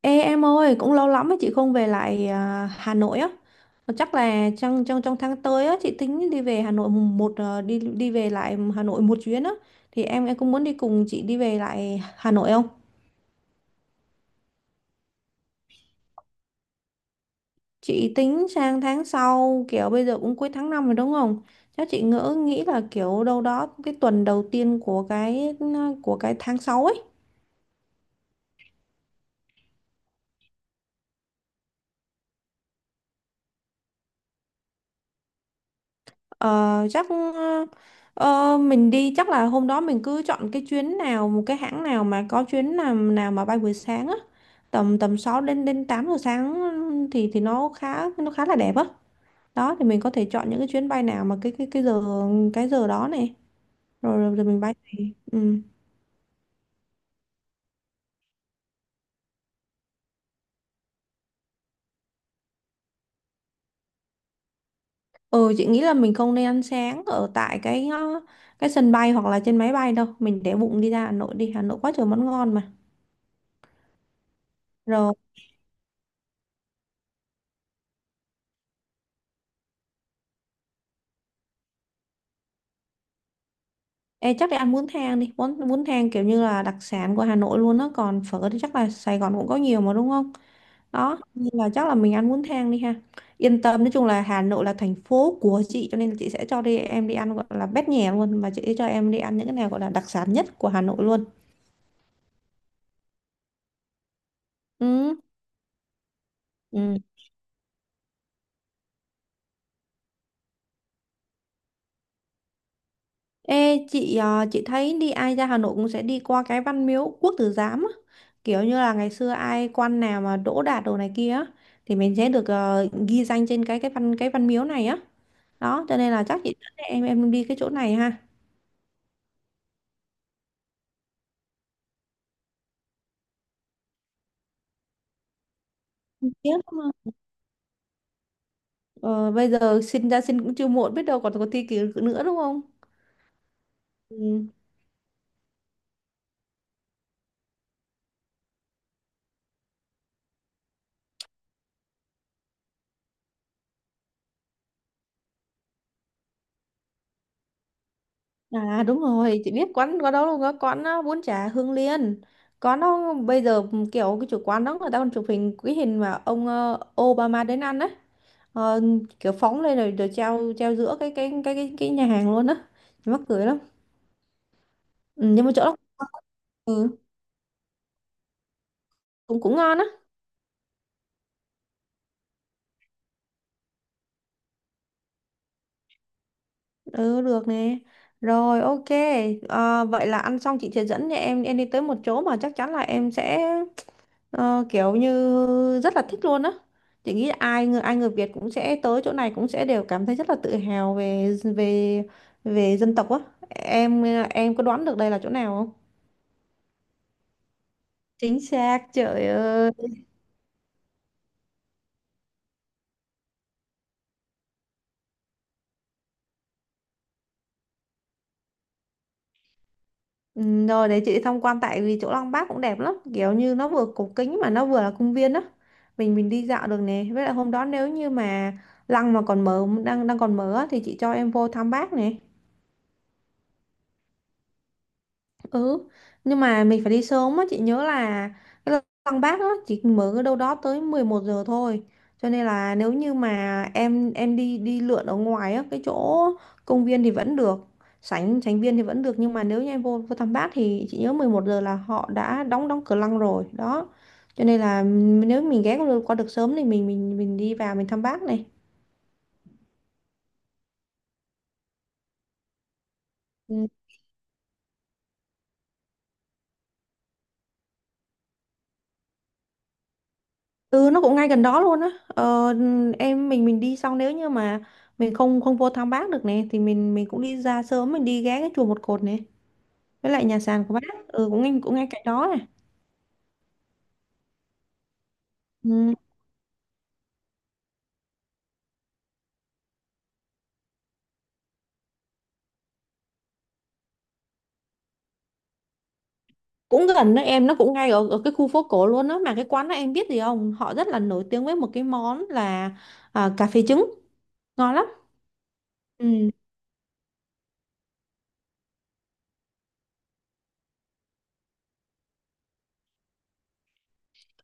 Ê em ơi, cũng lâu lắm mà chị không về lại à, Hà Nội á. Mà chắc là trong trong trong tháng tới á chị tính đi về Hà Nội mùng 1 à, đi đi về lại Hà Nội một chuyến á. Thì em cũng muốn đi cùng chị đi về lại Hà Nội không? Chị tính sang tháng sau kiểu bây giờ cũng cuối tháng 5 rồi đúng không? Chắc chị nghĩ là kiểu đâu đó cái tuần đầu tiên của cái tháng 6 ấy. Ờ, chắc ờ, mình đi chắc là hôm đó mình cứ chọn cái chuyến nào, một cái hãng nào mà có chuyến nào nào mà bay buổi sáng á, tầm tầm 6 đến đến 8 giờ sáng thì nó khá, là đẹp á. Đó thì mình có thể chọn những cái chuyến bay nào mà cái giờ đó này. Rồi rồi rồi mình bay thì ừ. Ừ, chị nghĩ là mình không nên ăn sáng ở tại cái sân bay hoặc là trên máy bay đâu, mình để bụng đi ra Hà Nội, đi Hà Nội quá trời món ngon mà. Rồi. Ê, chắc để ăn bún thang đi, bún bún thang kiểu như là đặc sản của Hà Nội luôn đó. Còn phở thì chắc là Sài Gòn cũng có nhiều mà đúng không. Đó nên là chắc là mình ăn bún thang đi ha. Yên tâm, nói chung là Hà Nội là thành phố của chị, cho nên là chị sẽ cho em đi ăn gọi là bét nhè luôn, và chị sẽ cho em đi ăn những cái nào gọi là đặc sản nhất của Hà Nội luôn. Ừ. Ừ. Ê, chị thấy đi ai ra Hà Nội cũng sẽ đi qua cái Văn Miếu Quốc Tử Giám á, kiểu như là ngày xưa ai quan nào mà đỗ đạt đồ này kia á, thì mình sẽ được ghi danh trên cái văn miếu này á. Đó cho nên là chắc chị dẫn em đi cái chỗ này ha. Không tiếc mà. Ờ, bây giờ xin ra xin cũng chưa muộn, biết đâu còn có thi kỳ nữa đúng không. Ừ. À đúng rồi, chị biết quán có đâu luôn á, quán á, bún chả Hương Liên. Có, nó bây giờ kiểu cái chủ quán đó người ta còn chụp hình cái hình mà ông Obama đến ăn á. Ờ, Kiểu phóng lên rồi rồi treo treo giữa cái nhà hàng luôn á, mắc cười lắm. Ừ, nhưng mà chỗ đó ừ, cũng cũng ngon á. Ừ, được nè. Rồi, ok. Ờ, vậy là ăn xong chị sẽ dẫn nhà em đi tới một chỗ mà chắc chắn là em sẽ kiểu như rất là thích luôn á. Chị nghĩ là ai người Việt cũng sẽ tới chỗ này cũng sẽ đều cảm thấy rất là tự hào về về về dân tộc á. Em em có đoán được đây là chỗ nào không? Chính xác, trời ơi. Ừ, rồi đấy chị đi tham quan, tại vì chỗ Lăng Bác cũng đẹp lắm, kiểu như nó vừa cổ kính mà nó vừa là công viên đó, mình đi dạo được nè, với lại hôm đó nếu như mà Lăng mà còn mở, đang đang còn mở á, thì chị cho em vô thăm bác nè. Ừ, nhưng mà mình phải đi sớm á, chị nhớ là cái lăng Bác á chỉ mở ở đâu đó tới 11 giờ thôi. Cho nên là nếu như mà em đi đi lượn ở ngoài á, cái chỗ công viên thì vẫn được, sảnh sảnh viên thì vẫn được, nhưng mà nếu như em vô vô Tam Bác thì chị nhớ 11 giờ là họ đã đóng đóng cửa lăng rồi, đó. Cho nên là nếu mình ghé qua được sớm thì mình đi vào mình thăm Bác này. Ừ. Ừ, nó cũng ngay gần đó luôn á. Ờ, em mình đi xong nếu như mà mình không không vô thăm bác được nè thì mình cũng đi ra sớm, mình đi ghé cái chùa một cột này với lại nhà sàn của bác. Ừ, cũng ngay cạnh đó này. Ừ. Cũng gần đó em, nó cũng ngay ở cái khu phố cổ luôn á, mà cái quán đó em biết gì không? Họ rất là nổi tiếng với một cái món là à, cà phê trứng. Ngon lắm. Ừ,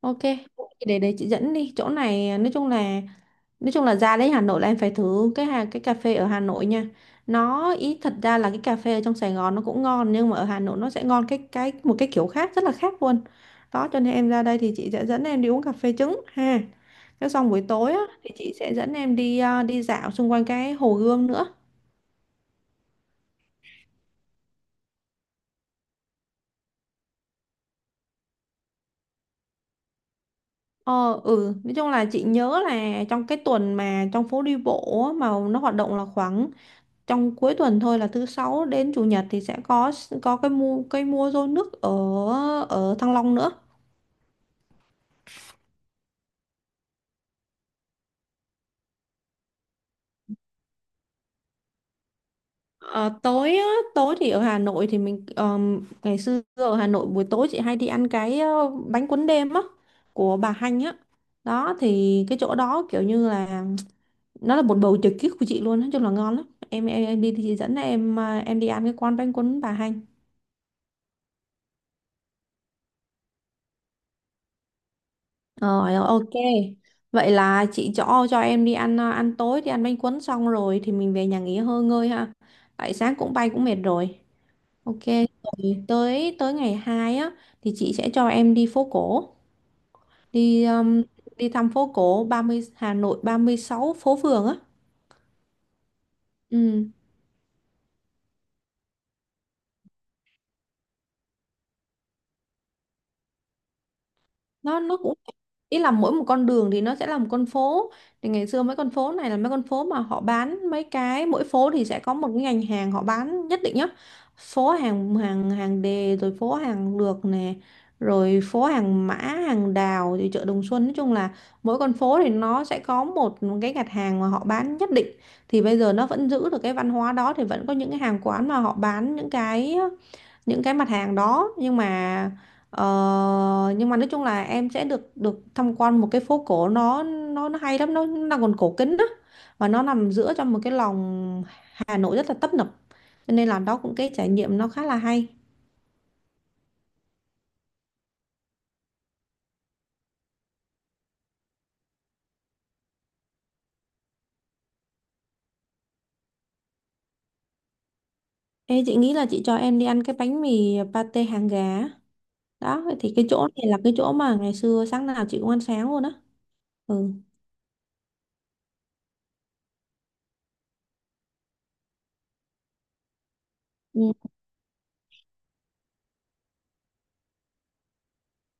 ok. Để chị dẫn đi. Chỗ này nói chung là, nói chung là ra đến Hà Nội là em phải thử cái cà phê ở Hà Nội nha. Nó ý thật ra là cái cà phê ở trong Sài Gòn nó cũng ngon, nhưng mà ở Hà Nội nó sẽ ngon cái một cái kiểu khác, rất là khác luôn. Đó cho nên em ra đây thì chị sẽ dẫn em đi uống cà phê trứng ha. Cái xong buổi tối á, thì chị sẽ dẫn em đi đi dạo xung quanh cái Hồ Gươm nữa. Ờ ừ, nói chung là chị nhớ là trong cái tuần mà trong phố đi bộ á, mà nó hoạt động là khoảng trong cuối tuần thôi, là thứ 6 đến chủ nhật thì sẽ có cái mua cây mua rô nước ở ở Thăng Long nữa. Ờ, Tối á, tối thì ở Hà Nội thì mình ngày xưa ở Hà Nội buổi tối chị hay đi ăn bánh cuốn đêm á, của bà Hanh á, đó thì cái chỗ đó kiểu như là nó là một bầu trời kiếp của chị luôn, nói chung là ngon lắm em. Em đi thì chị dẫn em đi ăn cái quán bánh cuốn bà Hanh. Rồi, ok. Vậy là chị cho em đi ăn à, ăn tối, đi ăn bánh cuốn xong rồi thì mình về nhà nghỉ hơi ngơi ha. Tại sáng cũng bay cũng mệt rồi. Ok, rồi tới tới ngày 2 á thì chị sẽ cho em đi phố cổ, đi đi thăm phố cổ 30 Hà Nội 36 phố phường á. Ừ, nó cũng ý là mỗi một con đường thì nó sẽ là một con phố, thì ngày xưa mấy con phố này là mấy con phố mà họ bán mấy cái, mỗi phố thì sẽ có một cái ngành hàng họ bán nhất định nhá. Phố hàng hàng hàng đề, rồi phố hàng lược nè, rồi phố hàng mã, hàng đào, rồi chợ Đồng Xuân, nói chung là mỗi con phố thì nó sẽ có một cái gạt hàng mà họ bán nhất định. Thì bây giờ nó vẫn giữ được cái văn hóa đó, thì vẫn có những cái hàng quán mà họ bán những cái mặt hàng đó, nhưng mà nhưng mà nói chung là em sẽ được được tham quan một cái phố cổ, nó hay lắm, nó đang còn cổ kính đó, và nó nằm giữa trong một cái lòng Hà Nội rất là tấp nập, cho nên là đó cũng cái trải nghiệm nó khá là hay. Ê, chị nghĩ là chị cho em đi ăn cái bánh mì pate hàng gà á, đó thì cái chỗ này là cái chỗ mà ngày xưa sáng nào chị cũng ăn sáng luôn á. Ừ. Ừ.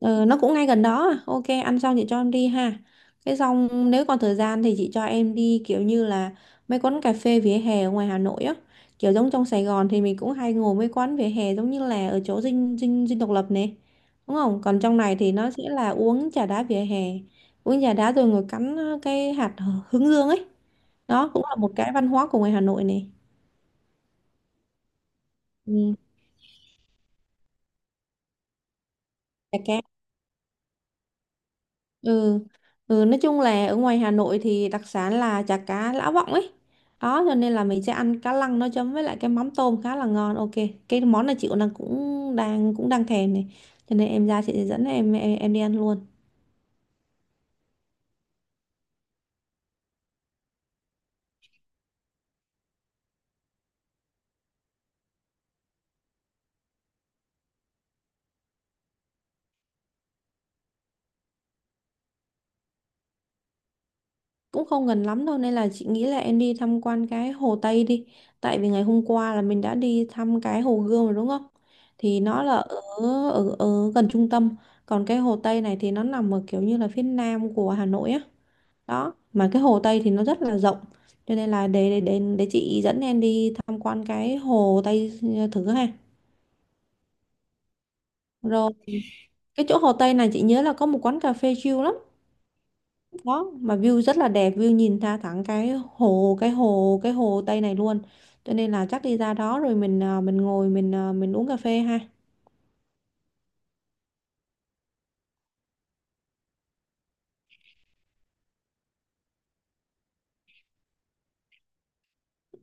Ừ, nó cũng ngay gần đó à. Ok, ăn xong chị cho em đi ha. Cái xong nếu còn thời gian thì chị cho em đi kiểu như là mấy quán cà phê vỉa hè ở ngoài Hà Nội á. Kiểu giống trong Sài Gòn thì mình cũng hay ngồi mấy quán vỉa hè giống như là ở chỗ Dinh Dinh Dinh Độc Lập này. Đúng không? Còn trong này thì nó sẽ là uống trà đá vỉa hè. Uống trà đá rồi ngồi cắn cái hạt hướng dương ấy. Đó cũng là một cái văn hóa của ngoài Hà Nội này. Ừ. Chả cá. Ừ. Ừ, nói chung là ở ngoài Hà Nội thì đặc sản là chả cá Lã Vọng ấy đó, cho nên là mình sẽ ăn cá lăng nó chấm với lại cái mắm tôm khá là ngon. Ok, cái món này chị cũng đang thèm này, cho nên em ra chị sẽ dẫn em, em đi ăn luôn. Cũng không gần lắm đâu nên là chị nghĩ là em đi tham quan cái Hồ Tây đi, tại vì ngày hôm qua là mình đã đi thăm cái Hồ Gươm rồi đúng không. Thì nó là ở ở gần trung tâm, còn cái Hồ Tây này thì nó nằm ở kiểu như là phía nam của Hà Nội á. Đó mà cái Hồ Tây thì nó rất là rộng, cho nên là để chị dẫn em đi tham quan cái Hồ Tây thử ha. Rồi, cái chỗ Hồ Tây này chị nhớ là có một quán cà phê chill lắm đó, mà view rất là đẹp, view nhìn ra thẳng cái Hồ Tây này luôn. Cho nên là chắc đi ra đó rồi mình ngồi, mình uống cà phê ha.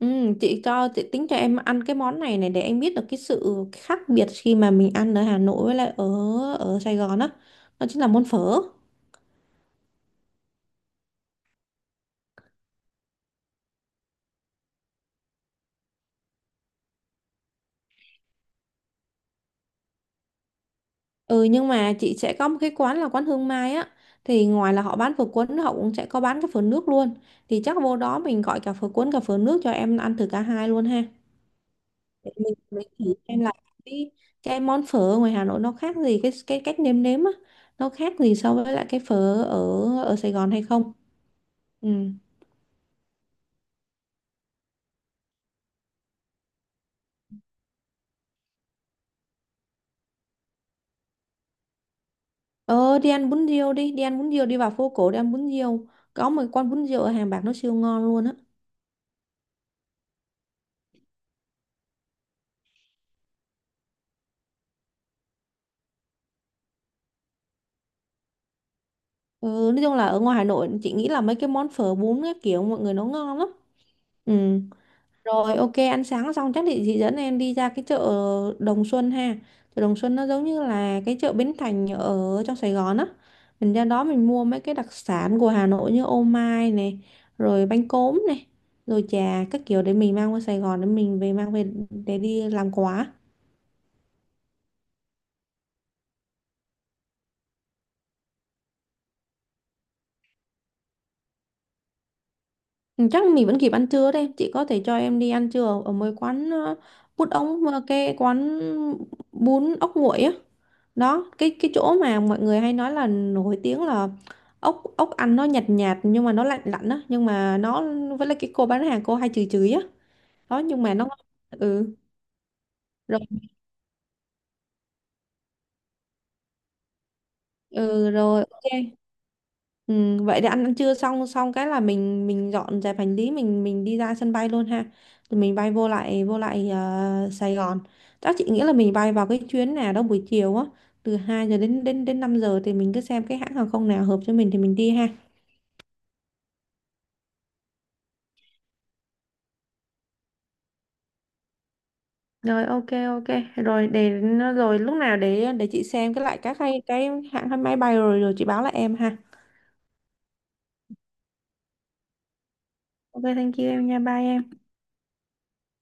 Ừ, chị tính cho em ăn cái món này này để em biết được cái sự khác biệt khi mà mình ăn ở Hà Nội với lại ở ở Sài Gòn á đó. Đó chính là món phở. Ừ, nhưng mà chị sẽ có một cái quán là quán Hương Mai á. Thì ngoài là họ bán phở cuốn, họ cũng sẽ có bán cái phở nước luôn. Thì chắc vô đó mình gọi cả phở cuốn cả phở nước, cho em ăn thử cả hai luôn ha. Để mình thử xem là cái, cái món phở ở ngoài Hà Nội nó khác gì cái cách nêm nếm á. Nó khác gì so với lại cái phở ở ở Sài Gòn hay không. Ừ. Ờ đi ăn bún riêu đi, đi ăn bún riêu, đi vào phố cổ đi ăn bún riêu. Có một quán bún riêu ở Hàng Bạc nó siêu ngon luôn á. Ừ, nói chung là ở ngoài Hà Nội chị nghĩ là mấy cái món phở bún các kiểu mọi người nó ngon lắm. Ừ. Rồi ok, ăn sáng xong chắc thì chị dẫn em đi ra cái chợ Đồng Xuân ha. Chợ Đồng Xuân nó giống như là cái chợ Bến Thành ở trong Sài Gòn á. Mình ra đó mình mua mấy cái đặc sản của Hà Nội như ô mai này, rồi bánh cốm này, rồi trà các kiểu để mình mang qua Sài Gòn, để mình mang về để đi làm quà. Ừ, chắc mình vẫn kịp ăn trưa đấy, chị có thể cho em đi ăn trưa ở ở mấy quán bún ống, cái quán bún ốc nguội á. Đó, cái chỗ mà mọi người hay nói là nổi tiếng là ốc ốc ăn nó nhạt nhạt nhưng mà nó lạnh lạnh á, nhưng mà nó với lại cái cô bán hàng cô hay chửi chửi á. Đó nhưng mà nó ngon. Ừ. Ừ rồi ok. Ừ, vậy để ăn ăn trưa xong xong cái là mình dọn dẹp hành lý, mình đi ra sân bay luôn ha. Rồi mình bay vô lại Sài Gòn. Chắc chị nghĩ là mình bay vào cái chuyến nào đó buổi chiều á, từ 2 giờ đến đến đến 5 giờ thì mình cứ xem cái hãng hàng không nào hợp cho mình thì mình đi ha. Rồi ok ok, rồi để, rồi lúc nào để chị xem lại các cái hãng máy bay rồi rồi chị báo lại em ha. Ok, thank you em nha, bye em.